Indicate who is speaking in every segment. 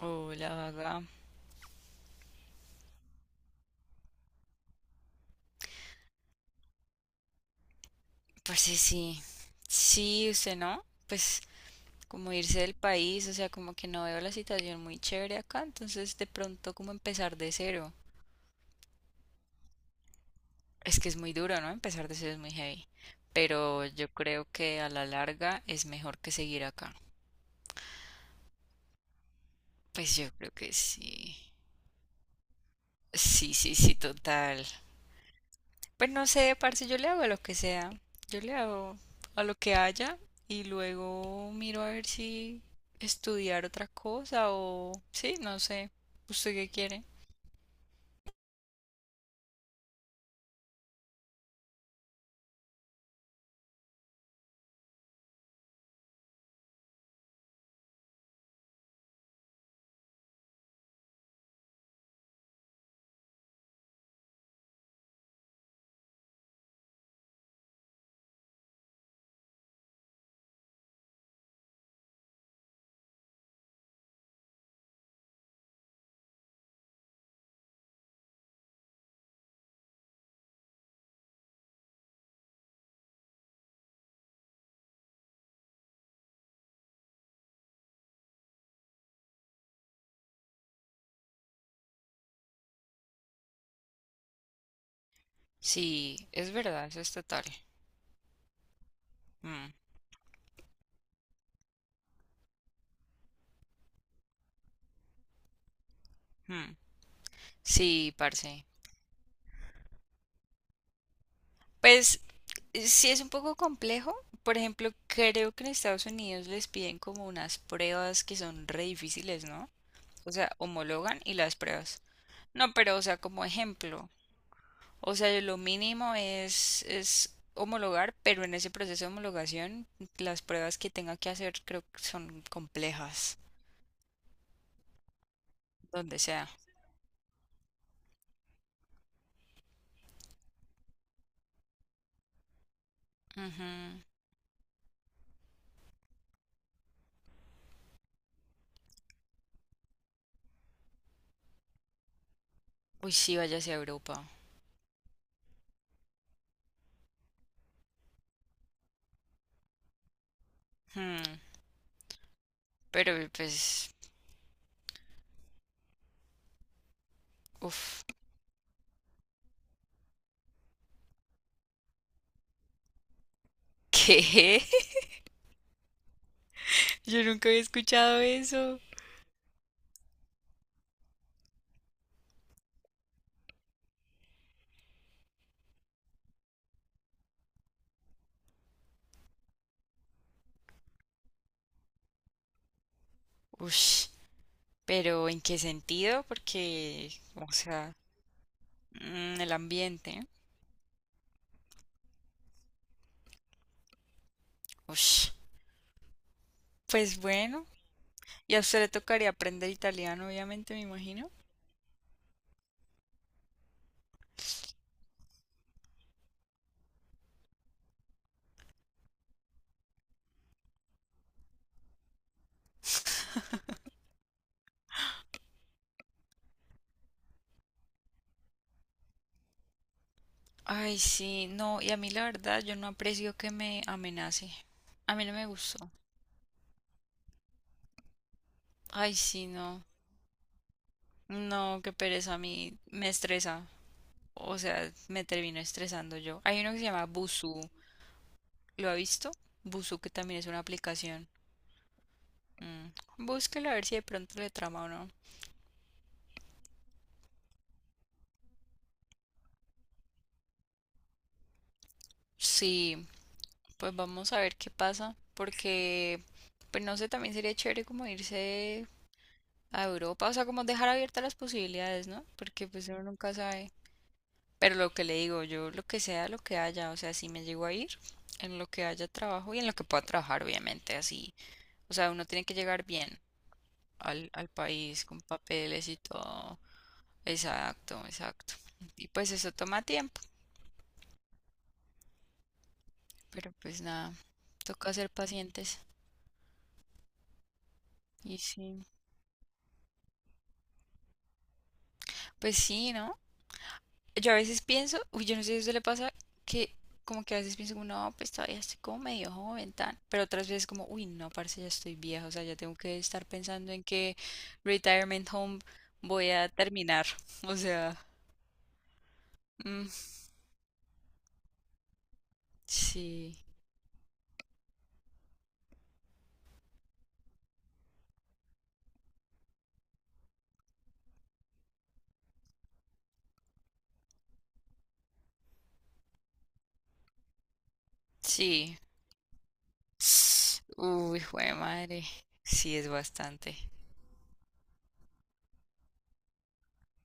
Speaker 1: Oh, la verdad. Pues sí. Sí, usted no. Pues como irse del país, o sea, como que no veo la situación muy chévere acá, entonces de pronto como empezar de cero. Es que es muy duro, ¿no? Empezar de cero es muy heavy. Pero yo creo que a la larga es mejor que seguir acá. Pues yo creo que sí. Sí, total. Pues no sé, parce, yo le hago a lo que sea. Yo le hago a lo que haya y luego miro a ver si estudiar otra cosa o... Sí, no sé. ¿Usted qué quiere? Sí, es verdad, eso es total. Mm, mm. Sí, parce. Pues sí es un poco complejo. Por ejemplo, creo que en Estados Unidos les piden como unas pruebas que son re difíciles, ¿no? O sea, homologan y las pruebas. No, pero o sea, como ejemplo. O sea, lo mínimo es, homologar, pero en ese proceso de homologación, las pruebas que tenga que hacer creo que son complejas, donde sea. Ujú. Uy, sí, váyase a Europa. Hmm. Pero pues, uff, ¿qué? Yo nunca había escuchado eso. Ush, pero ¿en qué sentido? Porque, o sea, mm, el ambiente. Ush. Pues bueno, y a usted le tocaría aprender italiano, obviamente, me imagino. Ay, sí, no, y a mí la verdad yo no aprecio que me amenace. A mí no me gustó. Ay, sí, no. No, qué pereza, a mí me estresa. O sea, me termino estresando yo. Hay uno que se llama Busuu. ¿Lo ha visto? Busuu, que también es una aplicación. Mm. Búsquelo a ver si de pronto le trama o no. Sí, pues vamos a ver qué pasa. Porque, pues no sé, también sería chévere como irse a Europa. O sea, como dejar abiertas las posibilidades, ¿no? Porque pues uno nunca sabe. Pero lo que le digo, yo lo que sea, lo que haya, o sea, si me llego a ir, en lo que haya trabajo y en lo que pueda trabajar, obviamente, así. O sea, uno tiene que llegar bien al país con papeles y todo. Exacto, exacto. Y pues eso toma tiempo, pero pues nada, toca ser pacientes. Y sí, pues sí, ¿no? Yo a veces pienso, uy, yo no sé si a usted le pasa, que como que a veces pienso, como, no, pues todavía estoy como medio joven, tan. Pero otras veces como, uy, no, parce, ya estoy vieja, o sea, ya tengo que estar pensando en qué retirement home voy a terminar. O sea, mm, sí, sí. Uy, jue madre. Sí, es bastante.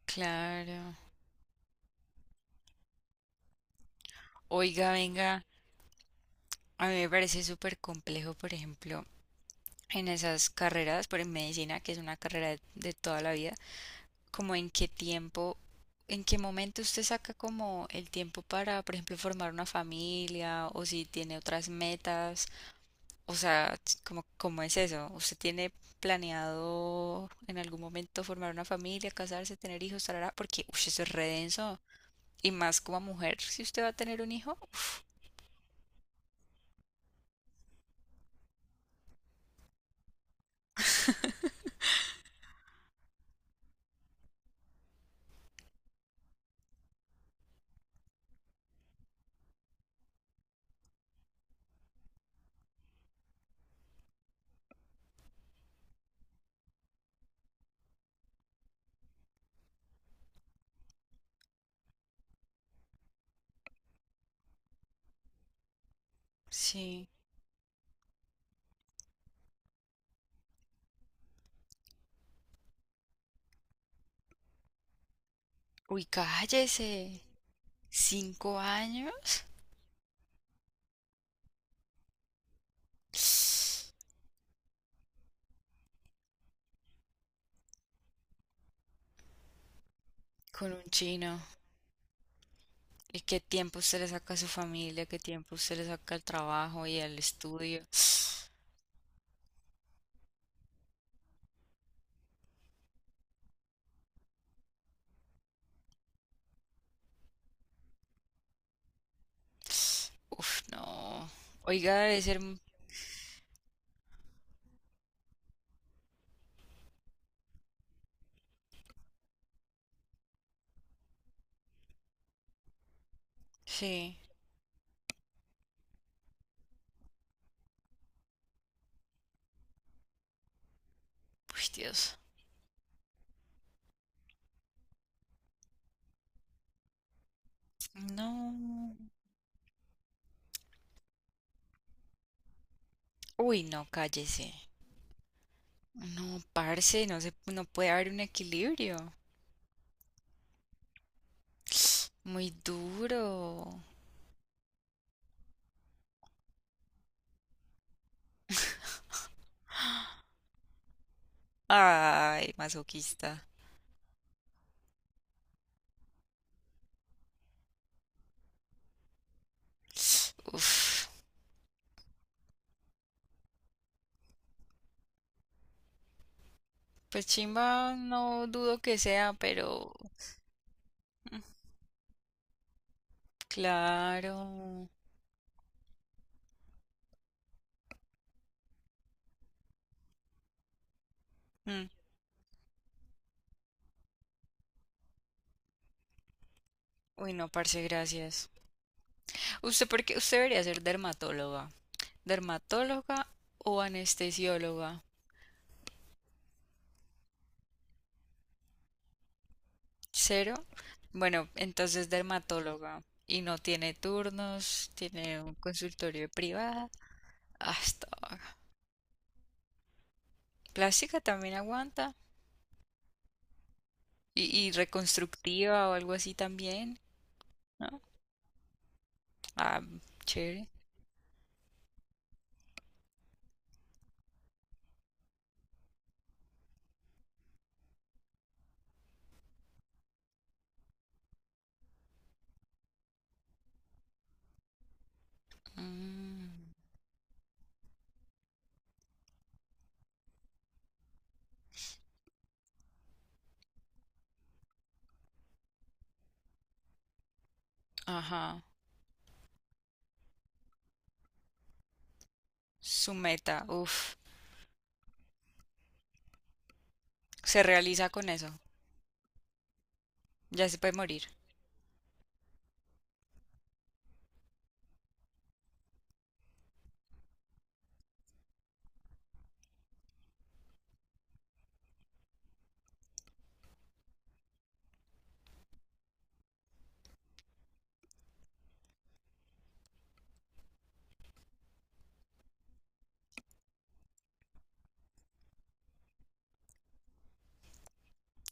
Speaker 1: Claro. Oiga, venga, a mí me parece súper complejo, por ejemplo, en esas carreras, por en medicina, que es una carrera de toda la vida como en qué tiempo, en qué momento usted saca como el tiempo para, por ejemplo, formar una familia o si tiene otras metas, o sea, como, ¿cómo es eso? ¿Usted tiene planeado en algún momento formar una familia, casarse, tener hijos, tarara? Porque, uy, eso es re denso. Y más como mujer, si usted va a tener un hijo, sí. Uy, cállese. ¿Cinco años? Con un chino. ¿Y qué tiempo usted le saca a su familia? ¿Qué tiempo usted le saca al trabajo y al estudio? Uf, no. Oiga, debe ser... m- Sí. Uy, Dios. No. Uy, no, cállese. No, parce, no se, no puede haber un equilibrio. Muy duro. Ay, masoquista. Uf. Pues chimba, no dudo que sea, pero... mm. Claro. Mm. Uy, no, parce, gracias. Usted porque usted debería ser dermatóloga. Dermatóloga o anestesióloga. Cero. Bueno, entonces dermatóloga. Y no tiene turnos, tiene un consultorio privado. Hasta ahora. Plástica también aguanta. Y reconstructiva o algo así también, ¿no? Ah, chévere. Mm, ajá. Su meta. Uf. Se realiza con eso. Ya se puede morir.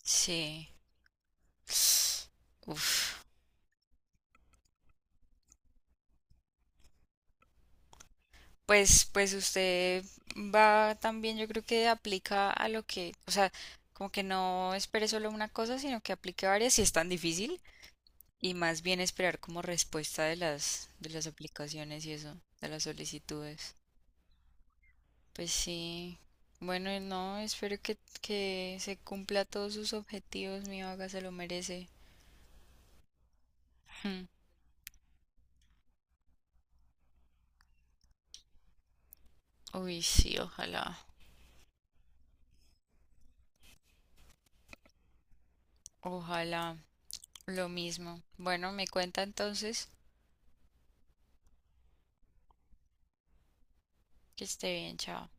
Speaker 1: Sí. Uf. Pues, pues usted va también, yo creo que aplica a lo que, o sea, como que no espere solo una cosa, sino que aplique varias si es tan difícil y más bien esperar como respuesta de las aplicaciones y eso, de las solicitudes. Pues sí, bueno, y no, espero que se cumpla todos sus objetivos, mi vaga se lo merece. Hmm. Uy, sí, ojalá, ojalá, lo mismo. Bueno, me cuenta entonces que esté bien, chao.